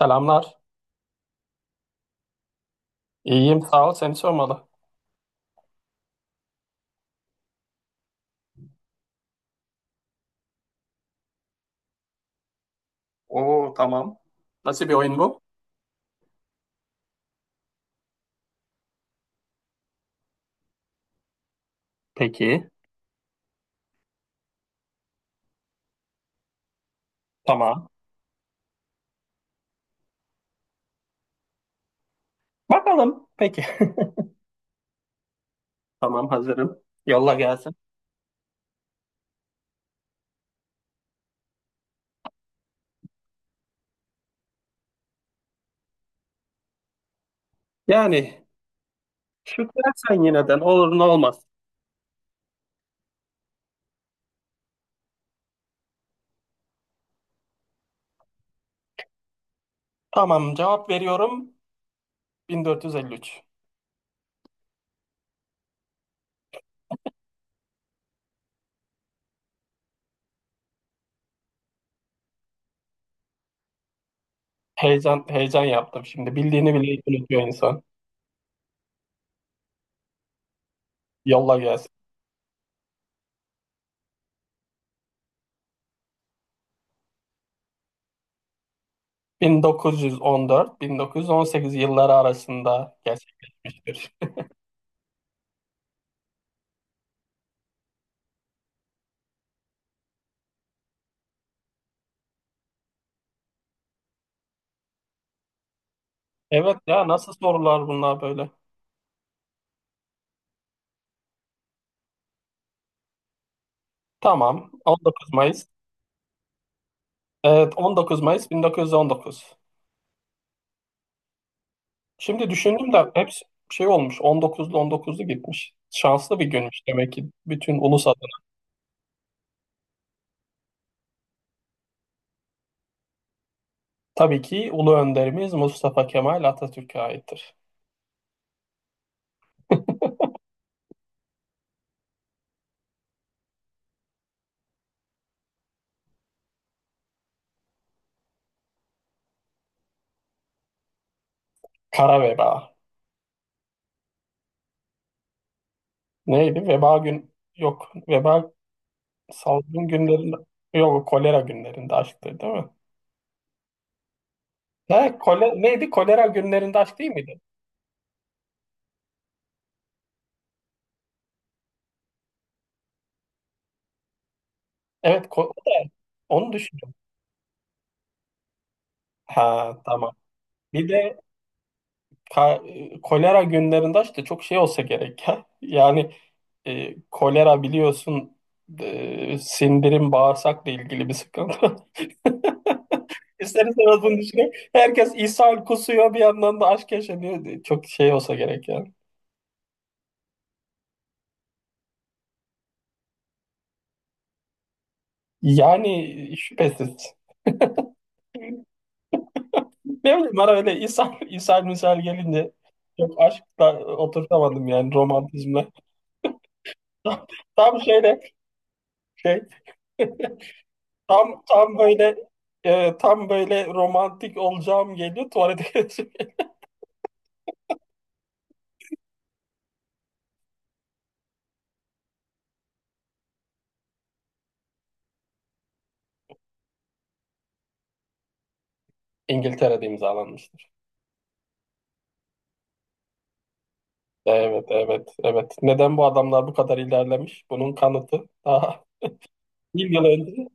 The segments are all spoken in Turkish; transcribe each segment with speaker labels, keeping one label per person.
Speaker 1: Selamlar. İyiyim, sağ ol. Seni sormalı. Oo, tamam. Nasıl bir oyun bu? Peki, tamam. Bakalım. Peki. Tamam, hazırım. Yolla gelsin. Yani şükretsen yineden olur, ne olmaz. Tamam, cevap veriyorum. 1453. Heyecan heyecan yaptım şimdi. Bildiğini bile unutuyor insan. Yolla gelsin. 1914-1918 yılları arasında gerçekleşir. Evet ya, nasıl sorular bunlar böyle? Tamam. 19 Mayıs. Evet, 19 Mayıs 1919. Şimdi düşündüm de hepsi şey olmuş. 19'lu 19'lu gitmiş. Şanslı bir günmüş demek ki bütün ulus adına. Tabii ki ulu önderimiz Mustafa Kemal Atatürk'e aittir. Kara veba. Neydi? Veba gün... yok. Veba salgın günlerinde... yok, kolera günlerinde açtı değil mi? Ne? Kole, neydi? Kolera günlerinde aç değil miydi? Evet, o da onu düşündüm. Ha, tamam. Bir de kolera günlerinde işte çok şey olsa gerek ya. Yani kolera biliyorsun, sindirim bağırsakla ilgili bir sıkıntı. İster istemez bunu düşünün. Herkes ishal kusuyor, bir yandan da aşk yaşanıyor. Çok şey olsa gerek ya. Yani şüphesiz. Ne bileyim, bana öyle ishal, ishal misal gelince çok aşkla oturtamadım, yani romantizmle. Tam şöyle şey Tam böyle tam böyle romantik olacağım geliyor. Tuvalete gideceğim. İngiltere'de imzalanmıştır. Evet, evet, evet. Neden bu adamlar bu kadar ilerlemiş? Bunun kanıtı daha bin yıl önce.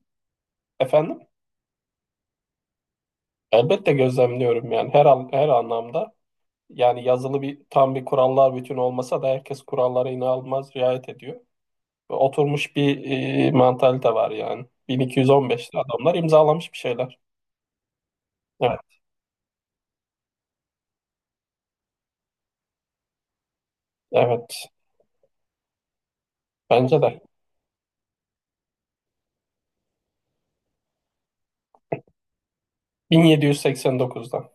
Speaker 1: Efendim? Elbette gözlemliyorum, yani her an, her anlamda. Yani yazılı bir tam bir kurallar bütün olmasa da herkes kurallara inanılmaz riayet ediyor. Ve oturmuş bir mantalite var yani. 1215'te adamlar imzalamış bir şeyler. Evet, evet. Bence de. 1789'da.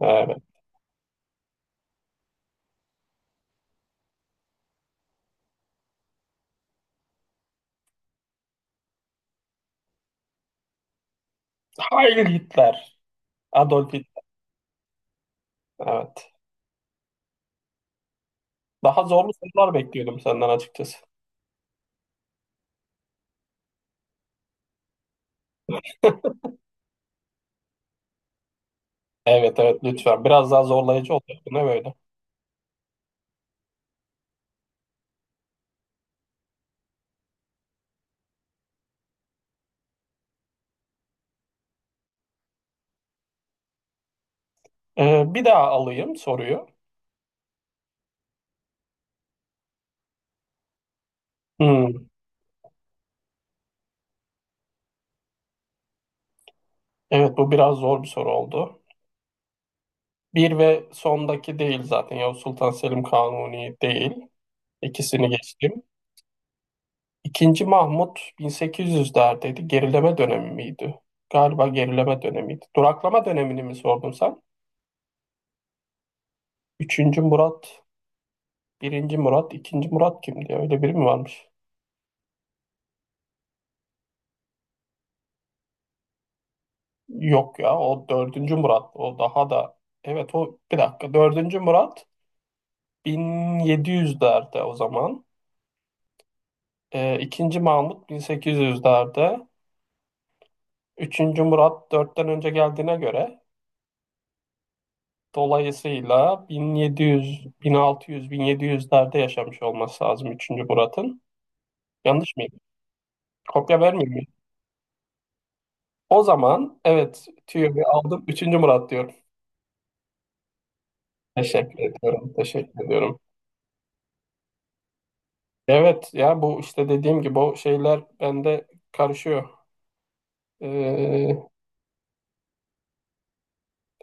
Speaker 1: Evet. Heil Hitler. Adolf Hitler. Evet. Daha zorlu sorular bekliyordum senden açıkçası. Evet, evet, lütfen. Biraz daha zorlayıcı olacak. Bu ne böyle? Bir daha alayım soruyu. Hmm. Evet, bu biraz zor bir soru oldu. Bir ve sondaki değil zaten. Yavuz Sultan Selim, Kanuni değil. İkisini geçtim. İkinci Mahmut 1800'lerdeydi. Gerileme dönemi miydi? Galiba gerileme dönemiydi. Duraklama dönemini mi sordun sen? Üçüncü Murat Birinci Murat, ikinci Murat kimdi ya? Öyle biri mi varmış? Yok ya, o dördüncü Murat. O daha da... Evet, o, bir dakika. Dördüncü Murat 1700'lerde o zaman. İkinci Mahmut 1800'lerde. Üçüncü Murat dörtten önce geldiğine göre, dolayısıyla 1700, 1600, 1700'lerde yaşamış olması lazım üçüncü Murat'ın. Yanlış mıyım? Kopya vermeyeyim mi? O zaman evet, tüyoyu aldım. Üçüncü Murat diyorum. Teşekkür ediyorum. Teşekkür ediyorum. Evet ya, bu işte dediğim gibi o şeyler bende karışıyor. Ee,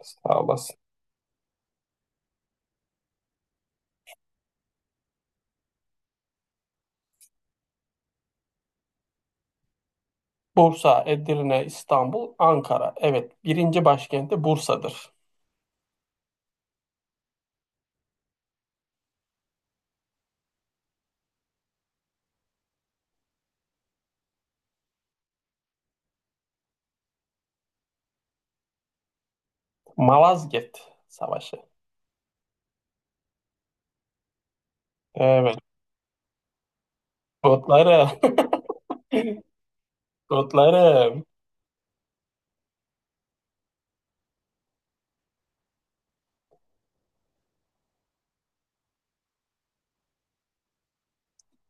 Speaker 1: sağ olasın. Bursa, Edirne, İstanbul, Ankara. Evet, birinci başkenti Bursa'dır. Malazgirt Savaşı. Evet. Kutlarım. Kutlarım.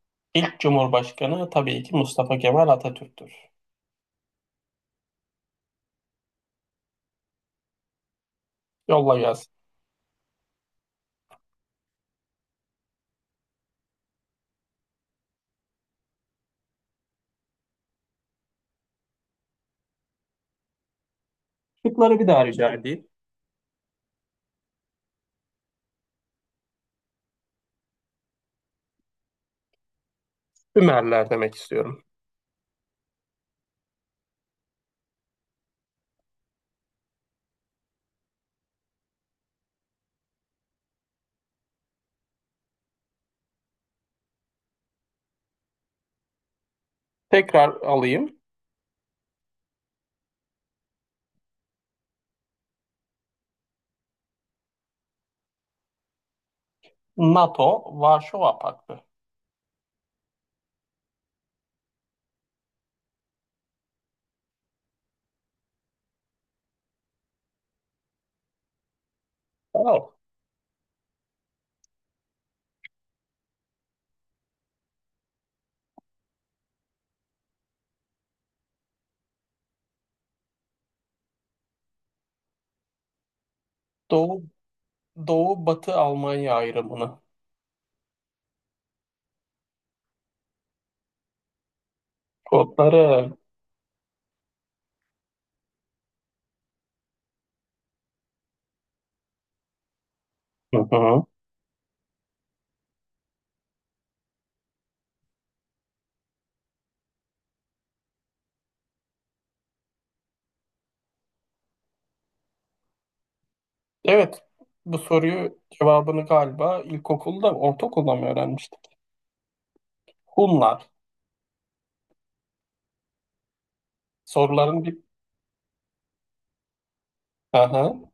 Speaker 1: İlk Cumhurbaşkanı tabii ki Mustafa Kemal Atatürk'tür. Yolla gelsin. Şıkları bir daha rica edeyim. Ümerler demek istiyorum. Tekrar alayım. NATO, Varşova Paktı. Wow. Doğu Doğu Batı Almanya ayrımını. Kodları. Hı hı. Evet. Bu soruyu cevabını galiba ilkokulda, ortaokulda mı öğrenmiştik? Hunlar. Soruların bir... Hı hı.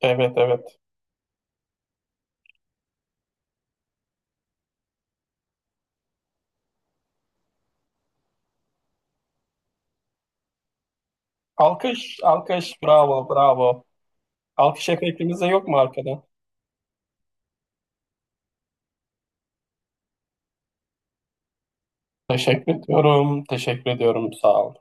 Speaker 1: Evet, evet. Alkış, alkış. Bravo, bravo. Alkış efektimiz de yok mu arkada? Teşekkür ediyorum, teşekkür ediyorum. Sağ ol.